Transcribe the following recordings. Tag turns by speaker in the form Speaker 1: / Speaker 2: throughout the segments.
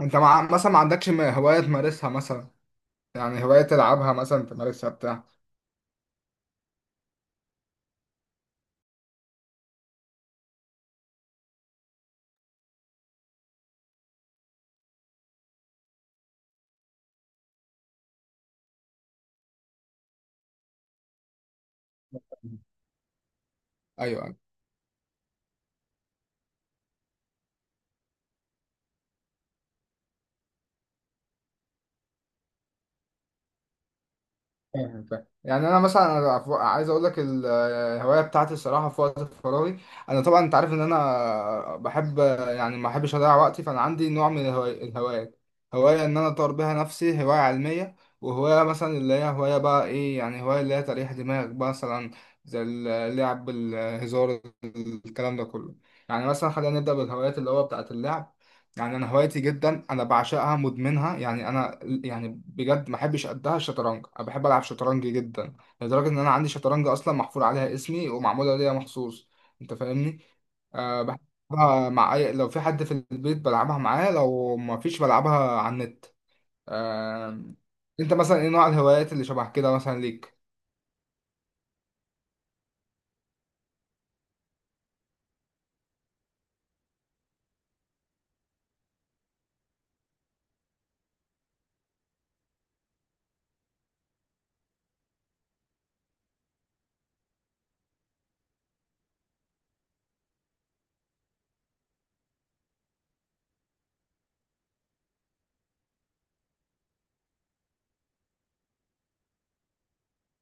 Speaker 1: انت مثلا ما عندكش هواية تمارسها مثلا، يعني هواية تلعبها مثلا تمارسها بتاع. ايوه أيوة. فاهم، فاهم. يعني انا مثلا عايز اقول لك الهوايه بتاعتي الصراحه في وقت فراغي. انا طبعا انت عارف ان انا بحب، يعني ما بحبش اضيع وقتي، فانا عندي نوع من الهوايات. هوايه ان انا اطور بيها نفسي، هوايه علميه، وهوايه مثلا اللي هي هوايه بقى ايه، يعني هوايه اللي هي تريح دماغ بقى مثلا، زي اللعب الهزار الكلام ده كله. يعني مثلا خلينا نبدا بالهوايات اللي هو بتاعت اللعب. يعني انا هوايتي جدا انا بعشقها مدمنها يعني انا، يعني بجد ما بحبش قدها الشطرنج، انا بحب العب شطرنج جدا. لدرجه ان انا عندي شطرنج اصلا محفور عليها اسمي ومعموله ليا مخصوص. انت فاهمني؟ أه بحبها، مع اي لو في حد في البيت بلعبها معاه، لو ما فيش بلعبها على النت. أه. انت مثلا ايه نوع الهوايات اللي شبه كده مثلا ليك؟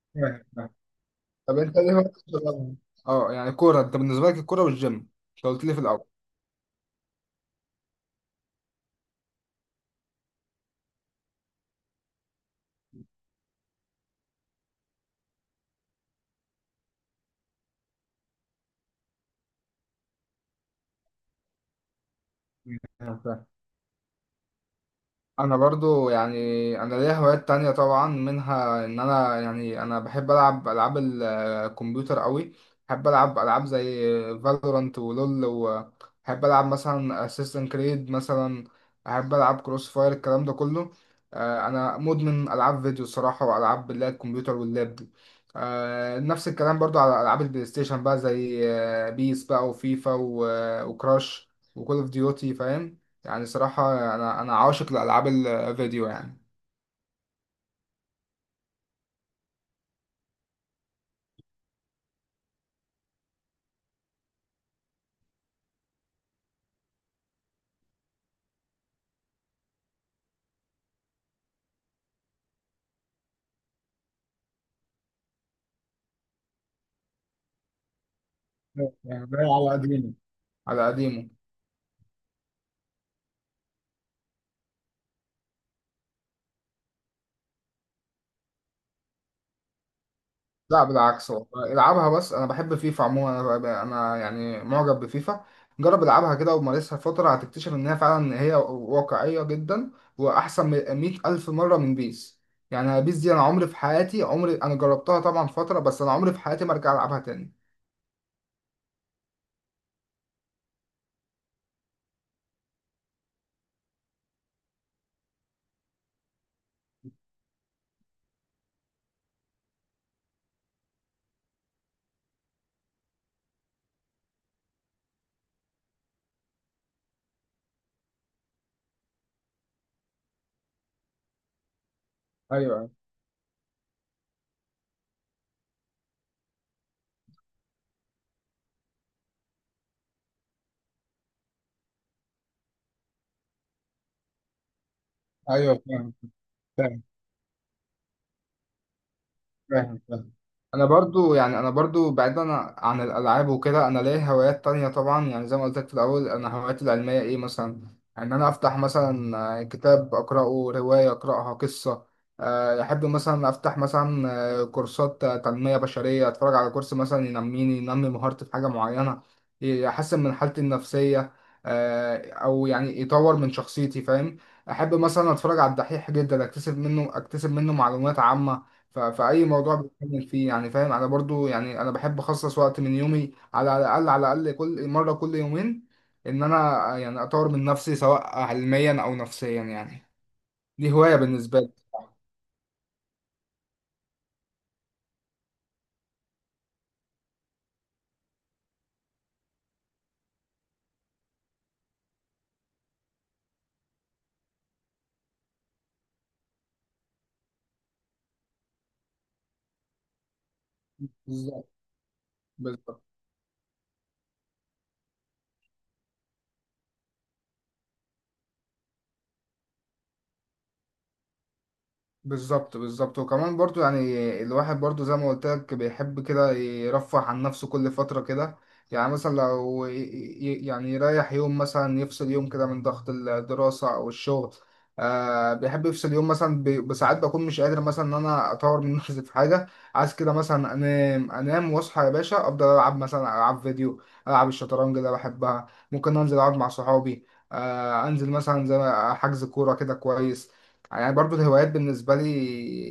Speaker 1: فاهم، فاهم. طب انت ايه هوايتك في الشطرنج؟ اه يعني كوره، انت بالنسبه لك الكوره والجيم، انت قلت لي في الاول. فاهم، فاهم. انا برضو يعني انا ليا هوايات تانية طبعا، منها ان انا يعني انا بحب العب العاب الكمبيوتر قوي. بحب العب العاب زي فالورانت ولول، وبحب العب مثلا اسيستنت كريد مثلا. بحب العب كروس فاير الكلام ده كله. انا مدمن العاب فيديو الصراحة، والعاب اللي هي الكمبيوتر واللاب دي. نفس الكلام برضو على العاب البلاي ستيشن بقى، زي بيس بقى وفيفا وكراش وكول اوف ديوتي، فاهم. يعني صراحة أنا عاشق لألعاب الفيديو يعني. يعني ده على قديمه، على قديمه. لا بالعكس، والله العبها، بس أنا بحب فيفا عموما، أنا يعني معجب بفيفا. جرب العبها كده ومارسها فترة، هتكتشف إن هي فعلا هي واقعية جدا، وأحسن من مية ألف مرة من بيس. يعني بيس دي أنا عمري في حياتي، عمري أنا جربتها طبعا فترة، بس أنا عمري في حياتي ما أرجع ألعبها تاني. ايوه، ايوه. فاهم. انا برضو يعني انا برضو بعيدا عن الالعاب وكده، انا ليا هوايات تانية طبعا، يعني زي ما قلت لك في الاول. انا هواياتي العلميه ايه مثلا، ان انا افتح مثلا كتاب اقراه، روايه اقراها، قصه. احب مثلا افتح مثلا كورسات تنميه بشريه، اتفرج على كورس مثلا ينميني ينمي مهارتي في حاجه معينه، يحسن من حالتي النفسيه او يعني يطور من شخصيتي، فاهم. احب مثلا اتفرج على الدحيح جدا، اكتسب منه اكتسب منه معلومات عامه، فأي موضوع بتكلم فيه يعني، فاهم. أنا برضو يعني أنا بحب أخصص وقت من يومي على الأقل، على الأقل كل مرة كل يومين، إن أنا يعني أطور من نفسي، سواء علميا أو نفسيا يعني. دي هواية بالنسبة لي. بالظبط، بالظبط. بالظبط، بالظبط. وكمان برضو يعني الواحد برضو زي ما قلت لك بيحب كده يرفه عن نفسه كل فترة كده. يعني مثلا لو يعني يريح يوم مثلا، يفصل يوم كده من ضغط الدراسة أو الشغل. آه بيحب يفصل يوم مثلا بساعات، بكون مش قادر مثلا إن أنا أطور من نفسي في حاجة. عايز كده مثلا أنام أنام وأصحى يا باشا، أفضل ألعب مثلا، ألعب فيديو، ألعب الشطرنج اللي بحبها، ممكن أنزل أقعد مع صحابي. آه أنزل مثلا زي حجز كورة كده كويس. يعني برضو الهوايات بالنسبة لي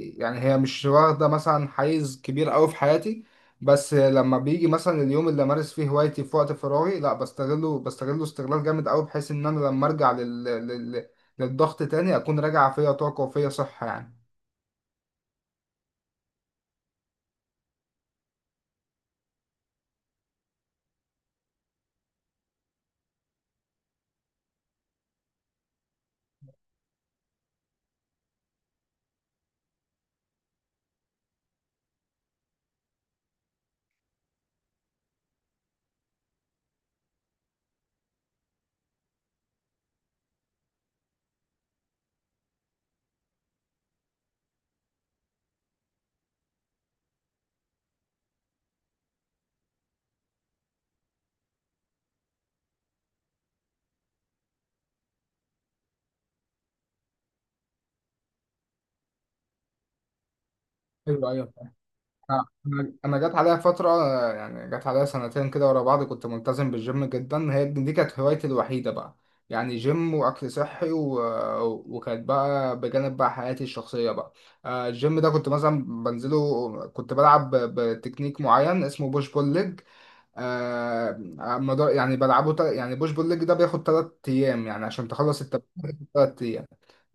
Speaker 1: يعني هي مش واخدة مثلا حيز كبير أوي في حياتي. بس لما بيجي مثلا اليوم اللي أمارس فيه هوايتي في وقت فراغي لا، بستغله استغلال جامد أوي، بحيث إن أنا لما أرجع للضغط تاني، أكون راجع فيا طاقة وفيا صحة يعني. ايوه، ايوه. أنا جت عليا فتره، يعني جت عليا سنتين كده ورا بعض، كنت ملتزم بالجيم جدا، هي دي كانت هوايتي الوحيده بقى. يعني جيم واكل صحي وكانت بقى بجانب بقى حياتي الشخصيه بقى. الجيم ده كنت مثلا بنزله، كنت بلعب بتكنيك معين اسمه بوش بول ليج. آه مدار يعني بلعبه يعني بوش بول ليج ده بياخد تلات أيام، يعني عشان تخلص التمرين بياخد تلات أيام.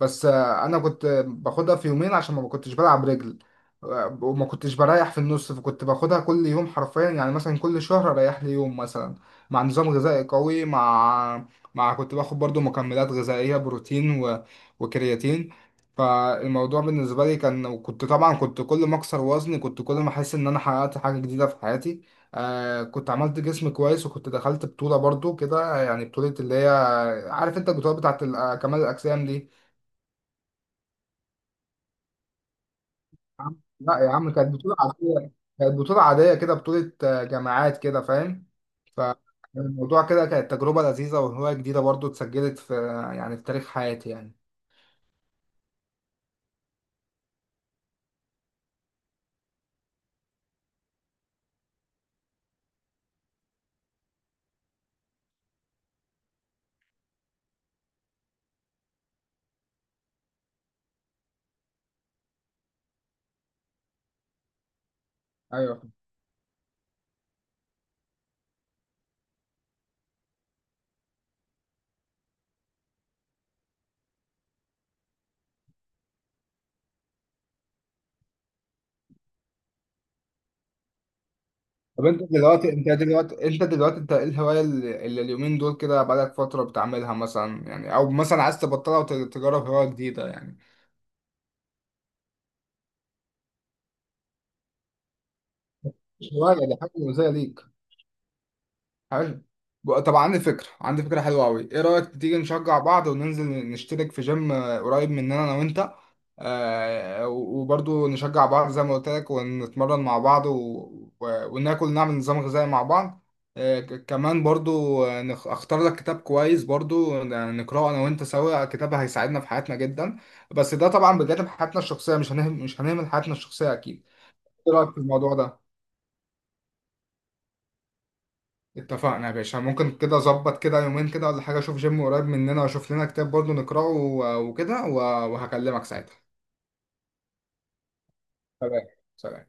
Speaker 1: بس أنا كنت باخدها في يومين عشان ما كنتش بلعب رجل. وما كنتش بريح في النص، فكنت باخدها كل يوم حرفيا، يعني مثلا كل شهر أريح لي يوم مثلا، مع نظام غذائي قوي، مع مع كنت باخد برضو مكملات غذائية بروتين وكرياتين. فالموضوع بالنسبة لي كان، وكنت طبعا كنت كل ما أكسر وزني كنت كل ما أحس إن أنا حققت حاجة جديدة في حياتي. آه كنت عملت جسم كويس، وكنت دخلت بطولة برضو كده، يعني بطولة اللي هي، عارف انت البطولة بتاعت كمال الأجسام دي. لا يا عم، كانت بطولة عادية. كانت بطولة عادية كده، بطولة جامعات كده، فاهم. فالموضوع كده كانت تجربة لذيذة وهواية جديدة برضو اتسجلت في، يعني في تاريخ حياتي يعني. ايوه. طب انت دلوقتي انت ايه الهواية اللي اليومين دول كده بقالك فترة بتعملها مثلا يعني، او مثلا عايز تبطلها وتجرب هواية جديده يعني؟ مش هواية، ده حاجة مزية ليك. حلو. طب عندي فكرة، عندي فكرة حلوة أوي، إيه رأيك تيجي نشجع بعض وننزل نشترك في جيم قريب مننا أنا وأنت. آه وبرضو نشجع بعض زي ما قلت لك، ونتمرن مع بعض وناكل نعمل نظام غذائي مع بعض. آه كمان برضو أختار لك كتاب كويس برضو نقرأه أنا وأنت سوا، كتاب هيساعدنا في حياتنا جدا. بس ده طبعا بجانب حياتنا الشخصية، مش هنهمل حياتنا الشخصية أكيد. إيه رأيك في الموضوع ده؟ اتفقنا يا باشا، ممكن كده اظبط كده يومين كده ولا حاجه، اشوف جيم قريب مننا واشوف لنا كتاب برضو نقراه وكده وهكلمك ساعتها. تمام، سلام.